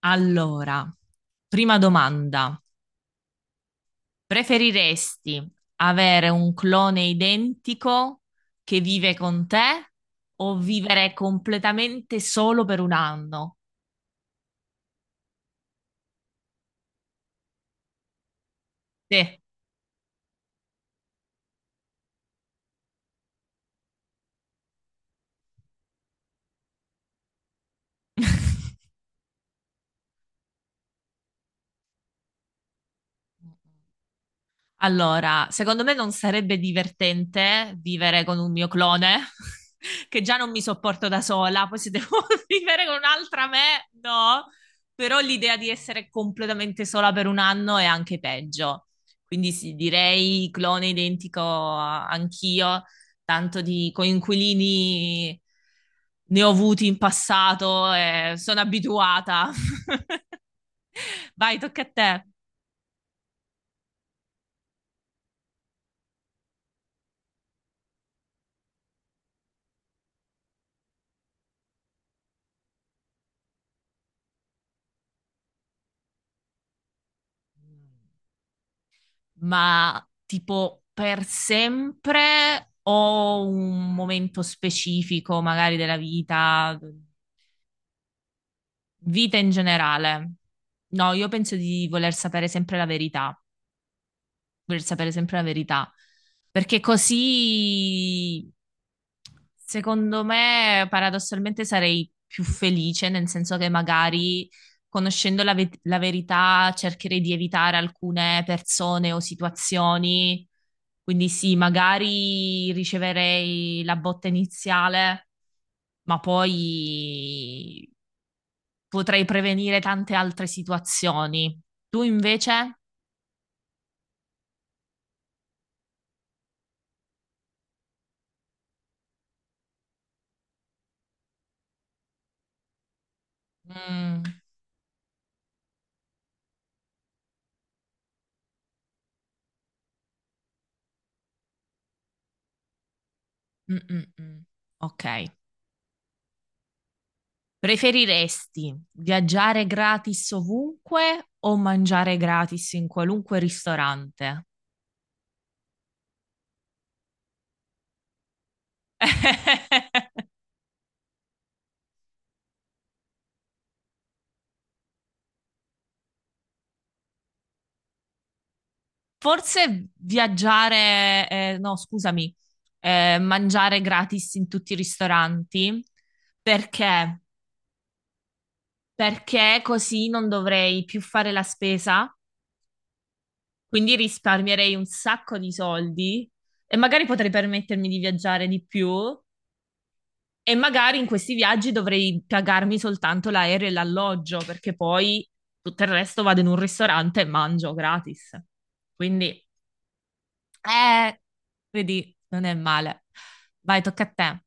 Allora, prima domanda. Preferiresti avere un clone identico che vive con te o vivere completamente solo per un anno? Te. Allora, secondo me non sarebbe divertente vivere con un mio clone, che già non mi sopporto da sola, poi se devo vivere con un'altra me, no. Però l'idea di essere completamente sola per un anno è anche peggio. Quindi sì, direi clone identico anch'io, tanto di coinquilini ne ho avuti in passato e sono abituata. Vai, tocca a te. Ma tipo per sempre o un momento specifico, magari della vita, vita in generale? No, io penso di Voler sapere sempre la verità, perché così, secondo me, paradossalmente sarei più felice, nel senso che magari conoscendo la verità cercherei di evitare alcune persone o situazioni. Quindi sì, magari riceverei la botta iniziale, ma poi potrei prevenire tante altre situazioni. Tu invece? Mm. Mm, mm, mm. Ok. Preferiresti viaggiare gratis ovunque o mangiare gratis in qualunque ristorante? Forse viaggiare, no, scusami, mangiare gratis in tutti i ristoranti. Perché? Perché così non dovrei più fare la spesa, quindi risparmierei un sacco di soldi e magari potrei permettermi di viaggiare di più. E magari in questi viaggi dovrei pagarmi soltanto l'aereo e l'alloggio, perché poi tutto il resto vado in un ristorante e mangio gratis. Quindi, eh, vedi, non è male. Vai, tocca a te.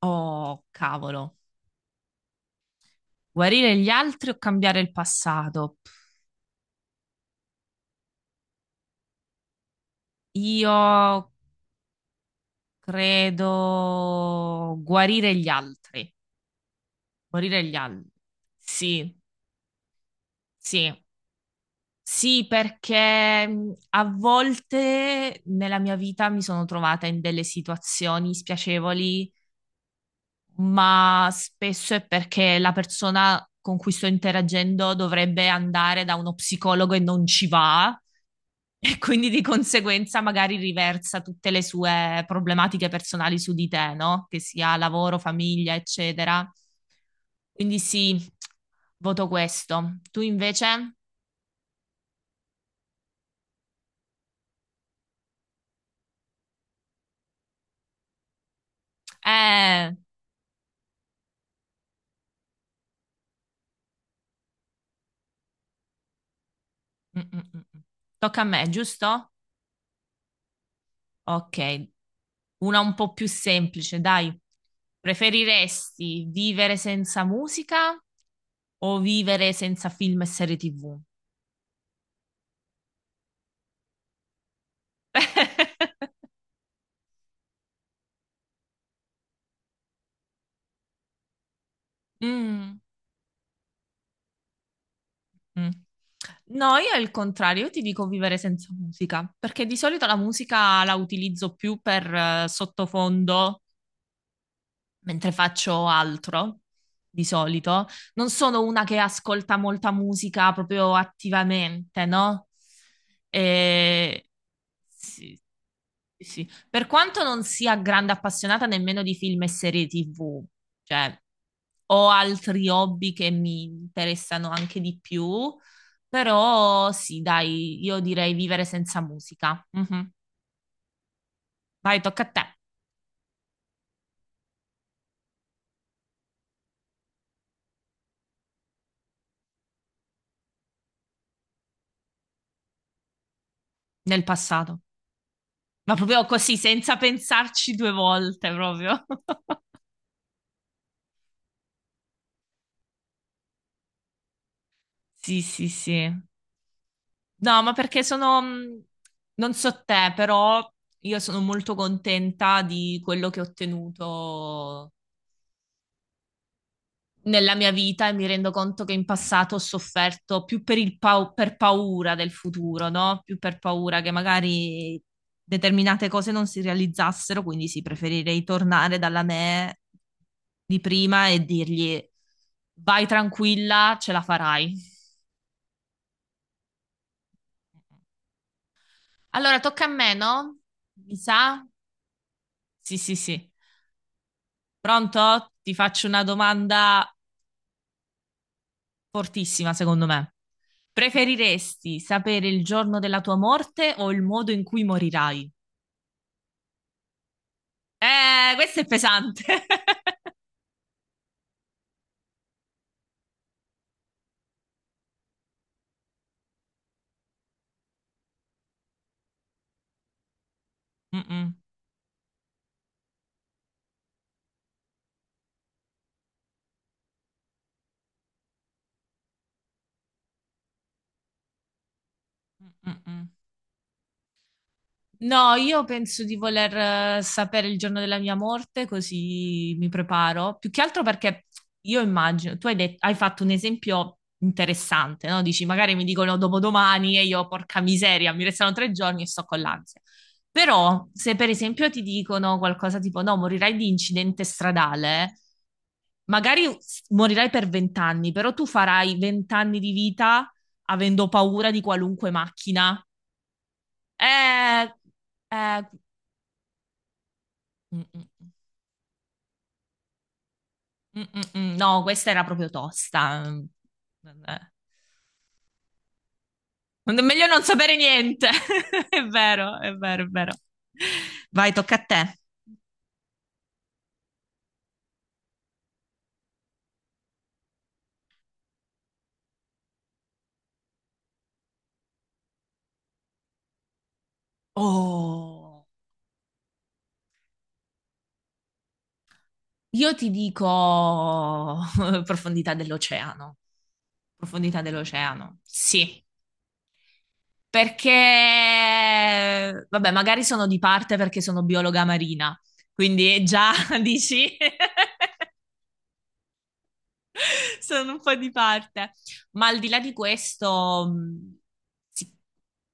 Oh, cavolo. Guarire gli altri o cambiare il passato? Io credo guarire gli altri. Guarire gli altri. Sì, sì. Sì, perché a volte nella mia vita mi sono trovata in delle situazioni spiacevoli, ma spesso è perché la persona con cui sto interagendo dovrebbe andare da uno psicologo e non ci va, e quindi di conseguenza magari riversa tutte le sue problematiche personali su di te, no? Che sia lavoro, famiglia, eccetera. Quindi sì, voto questo. Tu invece? Eh. Mm, mm, mm, mm. Tocca a me, giusto? Ok, una un po' più semplice, dai. Preferiresti vivere senza musica o vivere senza film e serie TV? Mm, mm. No, io è il contrario, io ti dico vivere senza musica, perché di solito la musica la utilizzo più per sottofondo mentre faccio altro di solito. Non sono una che ascolta molta musica proprio attivamente, no? E... Sì, sì. Per quanto non sia grande appassionata nemmeno di film e serie TV, cioè ho altri hobby che mi interessano anche di più, però sì, dai, io direi vivere senza musica. Mhm. Vai, tocca a te. Nel passato. Ma proprio così, senza pensarci due volte, proprio. Sì, sì, sì. No, ma perché sono, non so te, però io sono molto contenta di quello che ho ottenuto nella mia vita e mi rendo conto che in passato ho sofferto più per paura del futuro, no? Più per paura che magari determinate cose non si realizzassero, quindi sì, preferirei tornare dalla me di prima e dirgli: "Vai tranquilla, ce la farai." Allora, tocca a me, no? Mi sa? Sì, sì, sì. Pronto? Ti faccio una domanda fortissima, secondo me. Preferiresti sapere il giorno della tua morte o il modo in cui morirai? Questo è pesante. Mm-mm. Mm-mm. No, io penso di voler sapere il giorno della mia morte, così mi preparo. Più che altro perché io immagino, tu hai fatto un esempio interessante, no? Dici, magari mi dicono dopodomani e io, porca miseria, mi restano 3 giorni e sto con l'ansia. Però, se per esempio ti dicono qualcosa tipo, no, morirai di incidente stradale, magari morirai per 20 anni, però tu farai 20 anni di vita avendo paura di qualunque macchina. Eh, eh. Mm, mm, mm. Mm, mm, mm. No, questa era proprio tosta. Mm, vabbè. Meglio non sapere niente. È vero, è vero, è vero. Vai, tocca a te. Oh, io ti dico profondità dell'oceano. Profondità dell'oceano, sì. Perché, vabbè, magari sono di parte perché sono biologa marina, quindi già dici. Sono un po' di parte. Ma al di là di questo, sì,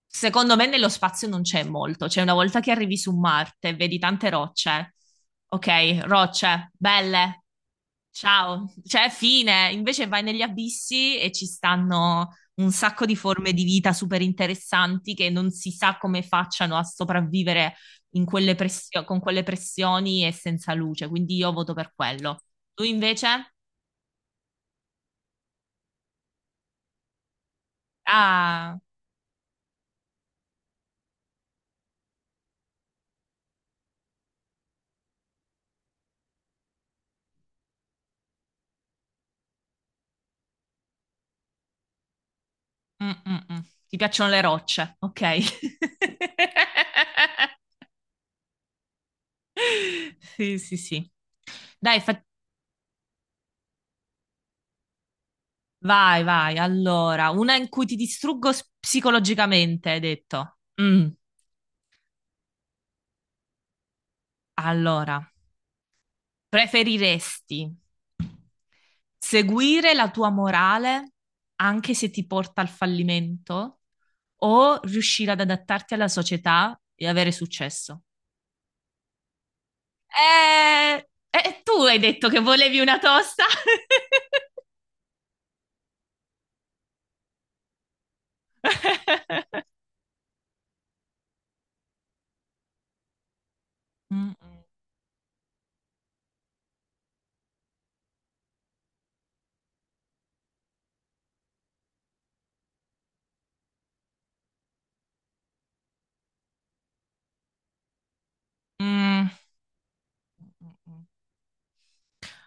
secondo me nello spazio non c'è molto. Cioè, una volta che arrivi su Marte, vedi tante rocce. Ok, rocce, belle, ciao. Cioè, fine. Invece vai negli abissi e ci stanno un sacco di forme di vita super interessanti che non si sa come facciano a sopravvivere con quelle pressioni e senza luce. Quindi io voto per quello. Tu invece? Ah. Mm, mm, mm. Ti piacciono le rocce, ok. Sì, sì, sì. Dai, vai, vai. Allora, una in cui ti distruggo psicologicamente, hai detto. Mm. Allora, preferiresti seguire la tua morale anche se ti porta al fallimento o riuscire ad adattarti alla società e avere successo? Eh, tu hai detto che volevi una tosta. Mm, mm, mm.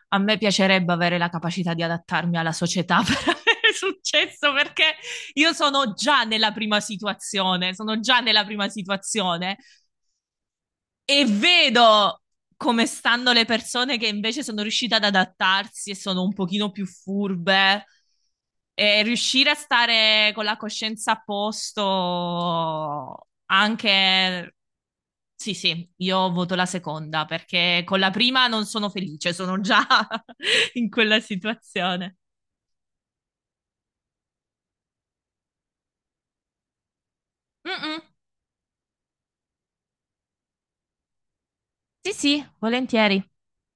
A me piacerebbe avere la capacità di adattarmi alla società per avere successo, perché io sono già nella prima situazione, sono già nella prima situazione e vedo come stanno le persone che invece sono riuscite ad adattarsi e sono un pochino più furbe. E riuscire a stare con la coscienza a posto anche. Sì, sì, io voto la seconda perché con la prima non sono felice, sono già in quella situazione. Mm-mm. Sì, sì, volentieri.